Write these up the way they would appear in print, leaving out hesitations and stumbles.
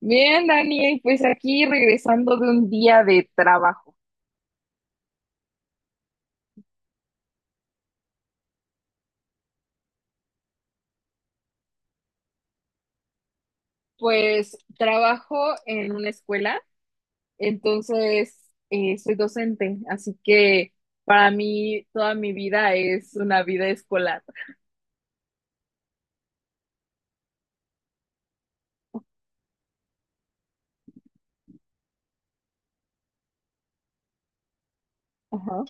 Bien, Dani, y pues aquí regresando de un día de trabajo. Pues trabajo en una escuela, entonces soy docente, así que para mí toda mi vida es una vida escolar. Ajá.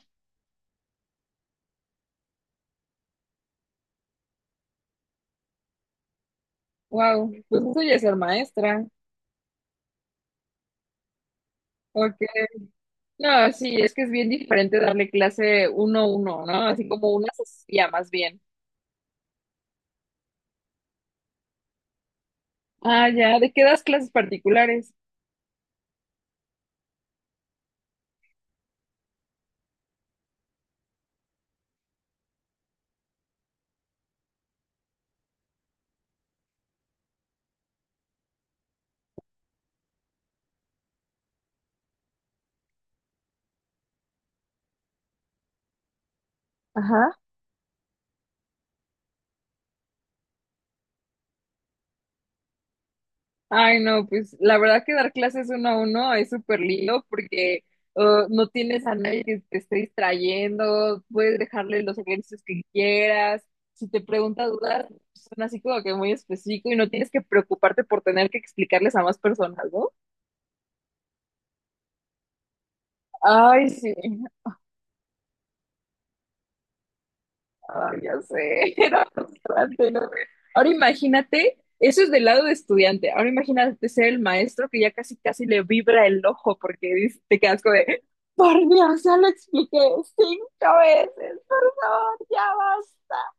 Wow, pues eso ya es ser maestra. Ok. No, sí, es que es bien diferente darle clase uno a uno, ¿no? Así como una asesoría más bien. Ah, ya, ¿de qué das clases particulares? Ajá. Ay, no, pues la verdad que dar clases uno a uno es súper lindo porque no tienes a nadie que te esté distrayendo, puedes dejarle los ejercicios que quieras, si te pregunta dudas, son así como que muy específico y no tienes que preocuparte por tener que explicarles a más personas, ¿no? Ay, sí. Ay, ya sé, era frustrante, ¿no? Ahora imagínate, eso es del lado de estudiante. Ahora imagínate ser el maestro que ya casi casi le vibra el ojo porque te quedas como de, por Dios, ya lo expliqué cinco veces, por favor, ya basta.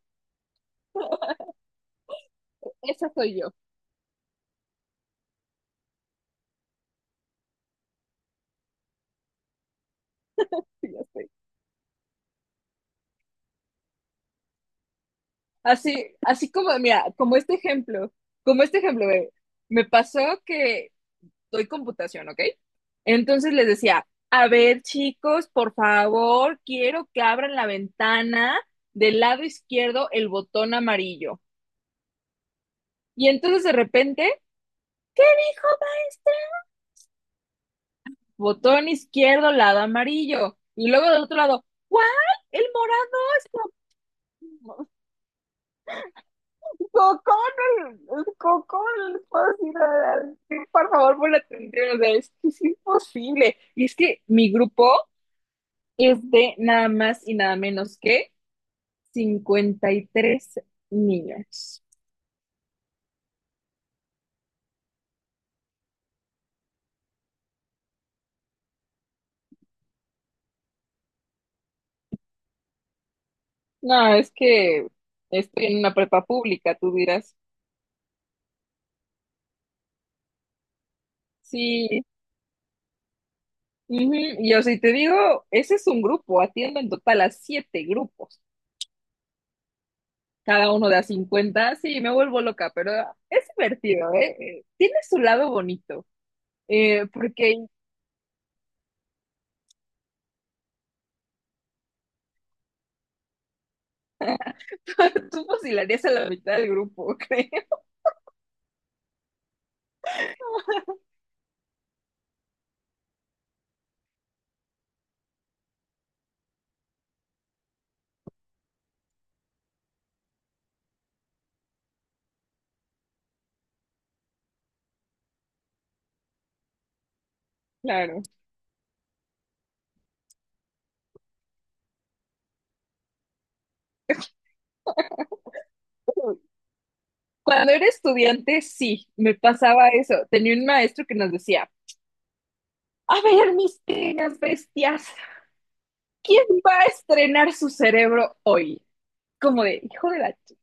Esa soy yo, sí, ya sé. Así, así como, mira, como este ejemplo, me pasó que doy computación, ¿ok? Entonces les decía, a ver chicos, por favor, quiero que abran la ventana del lado izquierdo el botón amarillo. Y entonces de repente, hijo, botón izquierdo, lado amarillo. Y luego del otro lado, ¿cuál? El morado. Cocón, el cocón, les puedo decir, por favor, pon la atención, o sea, es que es imposible. Y es que mi grupo es de nada más y nada menos que 53 niños. No, es que estoy en una prepa pública, tú dirás. Sí, ujú. Y yo si te digo, ese es un grupo, atiendo en total a siete grupos, cada uno de a 50, sí, me vuelvo loca, pero es divertido, ¿eh? Tiene su lado bonito, porque tú fusilarías a la mitad del grupo, creo, claro. Cuando era estudiante, sí, me pasaba eso. Tenía un maestro que nos decía, a ver, mis queridas bestias, ¿quién va a estrenar su cerebro hoy? Como de, hijo de la ch-.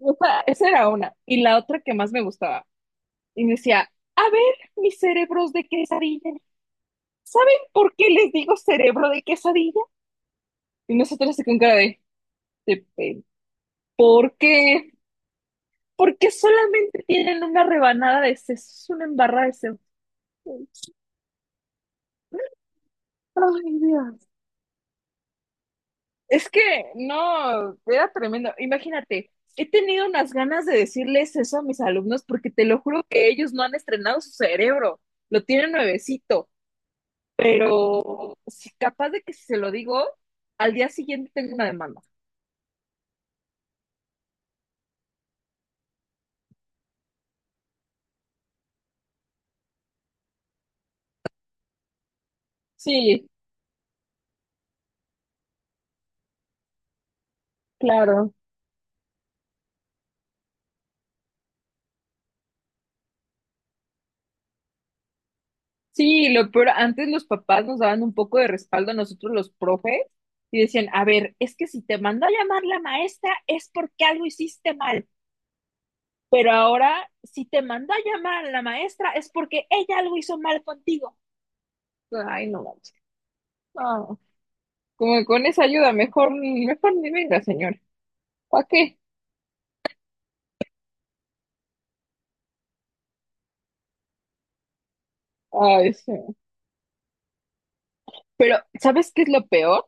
O sea, esa era una. Y la otra que más me gustaba. Y me decía, a ver, mis cerebros de quesadilla. ¿Saben por qué les digo cerebro de quesadilla? Y nosotros se con cara de, de pe- ¿por qué? Porque solamente tienen una rebanada de sesos, una embarrada de sesos. Ay, Dios. Es que no, era tremendo. Imagínate, he tenido unas ganas de decirles eso a mis alumnos porque te lo juro que ellos no han estrenado su cerebro, lo tienen nuevecito, pero si capaz de que si se lo digo, al día siguiente tengo una demanda. Sí, claro. Sí, lo peor, antes los papás nos daban un poco de respaldo a nosotros los profes y decían, a ver, es que si te mandó a llamar la maestra es porque algo hiciste mal. Pero ahora, si te mandó a llamar la maestra, es porque ella algo hizo mal contigo. Ay, no, vamos. No. Como que con esa ayuda, mejor, mejor ni venga, señor. ¿Para qué? Ay, sí. Pero, ¿sabes qué es lo peor?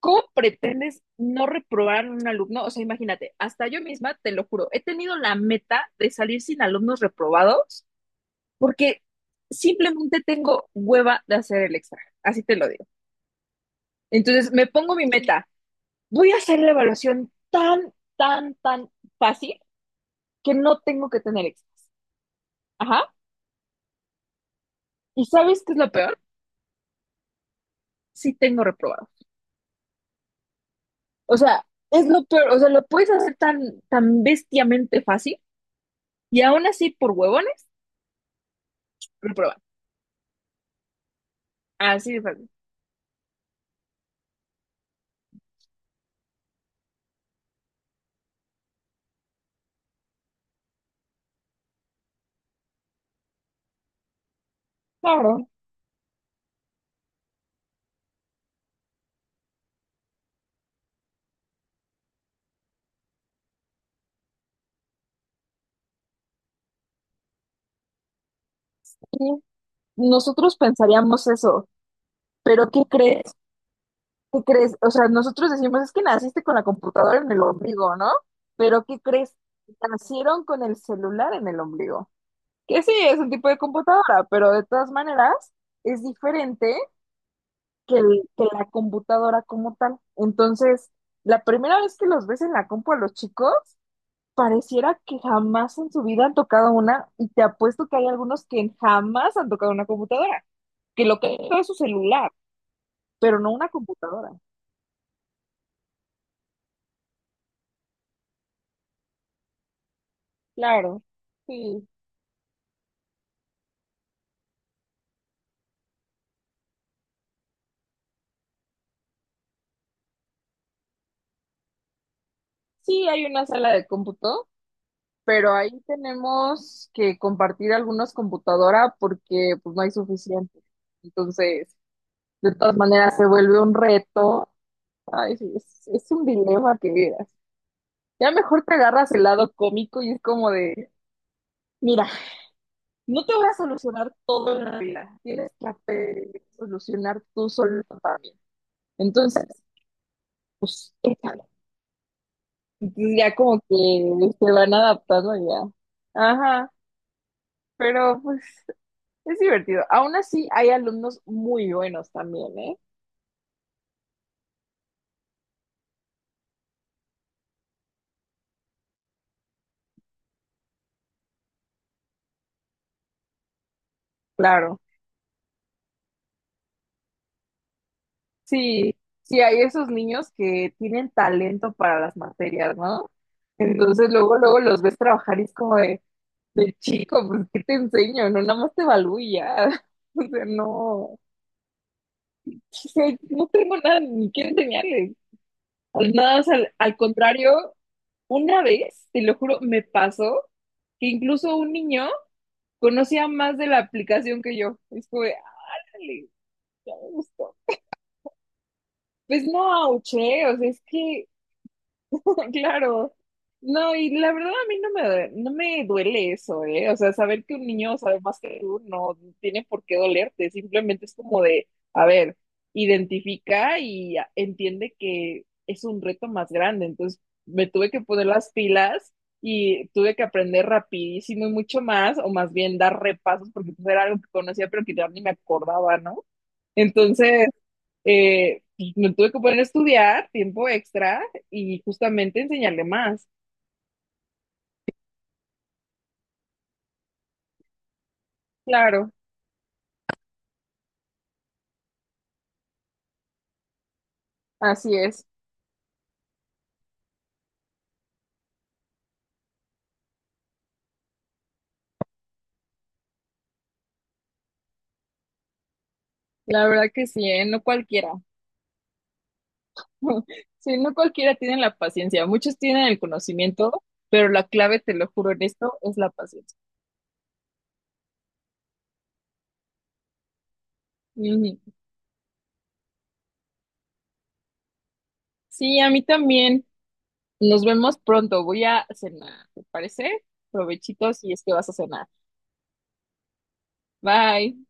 ¿Cómo pretendes no reprobar a un alumno? O sea, imagínate, hasta yo misma, te lo juro, he tenido la meta de salir sin alumnos reprobados porque simplemente tengo hueva de hacer el extra, así te lo digo. Entonces, me pongo mi meta, voy a hacer la evaluación tan, tan, tan fácil que no tengo que tener éxito. Ajá. ¿Y sabes qué es lo peor? Sí tengo reprobado. O sea, es lo peor. O sea, lo puedes hacer tan, tan bestiamente fácil y aún así por huevones, reprobar. Así de fácil. Claro, sí, nosotros pensaríamos eso, pero ¿qué crees? ¿Qué crees? O sea, nosotros decimos, es que naciste con la computadora en el ombligo, ¿no? Pero ¿qué crees? Nacieron con el celular en el ombligo. Que sí, es un tipo de computadora, pero de todas maneras es diferente que la computadora como tal. Entonces, la primera vez que los ves en la compu a los chicos, pareciera que jamás en su vida han tocado una, y te apuesto que hay algunos que jamás han tocado una computadora, que lo que han tocado es su celular, pero no una computadora. Claro, sí. Sí, hay una sala de cómputo, pero ahí tenemos que compartir algunos computadoras porque pues no hay suficiente. Entonces, de todas maneras se vuelve un reto. Ay, sí, es un dilema que vieras. Ya mejor te agarras el lado cómico y es como de, mira, no te voy a solucionar todo en la vida. Tienes que aprender solucionar tú solo también. Entonces, pues, échale. Entonces ya como que se van adaptando ya. Ajá, pero pues es divertido. Aún así, hay alumnos muy buenos también, ¿eh? Claro. Sí, sí, hay esos niños que tienen talento para las materias, ¿no? Entonces, luego, luego los ves trabajar y es como de chico, pues, ¿qué te enseño? No, nada más te evalúo y ya. O sea, no. O sea, no tengo nada ni que enseñarles. Nada, más al contrario, una vez, te lo juro, me pasó que incluso un niño conocía más de la aplicación que yo. Es como de, "Árale". Ya me gustó. Pues no, auché, o sea es que, claro, no, y la verdad a mí no me duele eso, ¿eh? O sea, saber que un niño sabe más que tú no tiene por qué dolerte, simplemente es como de, a ver, identifica y entiende que es un reto más grande, entonces me tuve que poner las pilas y tuve que aprender rapidísimo y mucho más, o más bien dar repasos, porque pues, era algo que conocía pero que ya ni me acordaba, ¿no? Entonces, eh, me tuve que poner a estudiar tiempo extra y justamente enseñarle más. Claro, así es. La verdad que sí, ¿eh? No cualquiera. Sí, no cualquiera tiene la paciencia. Muchos tienen el conocimiento, pero la clave, te lo juro en esto, es la paciencia. Ujú. Sí, a mí también. Nos vemos pronto. Voy a cenar, ¿te parece? Provechitos y es que vas a cenar. Bye.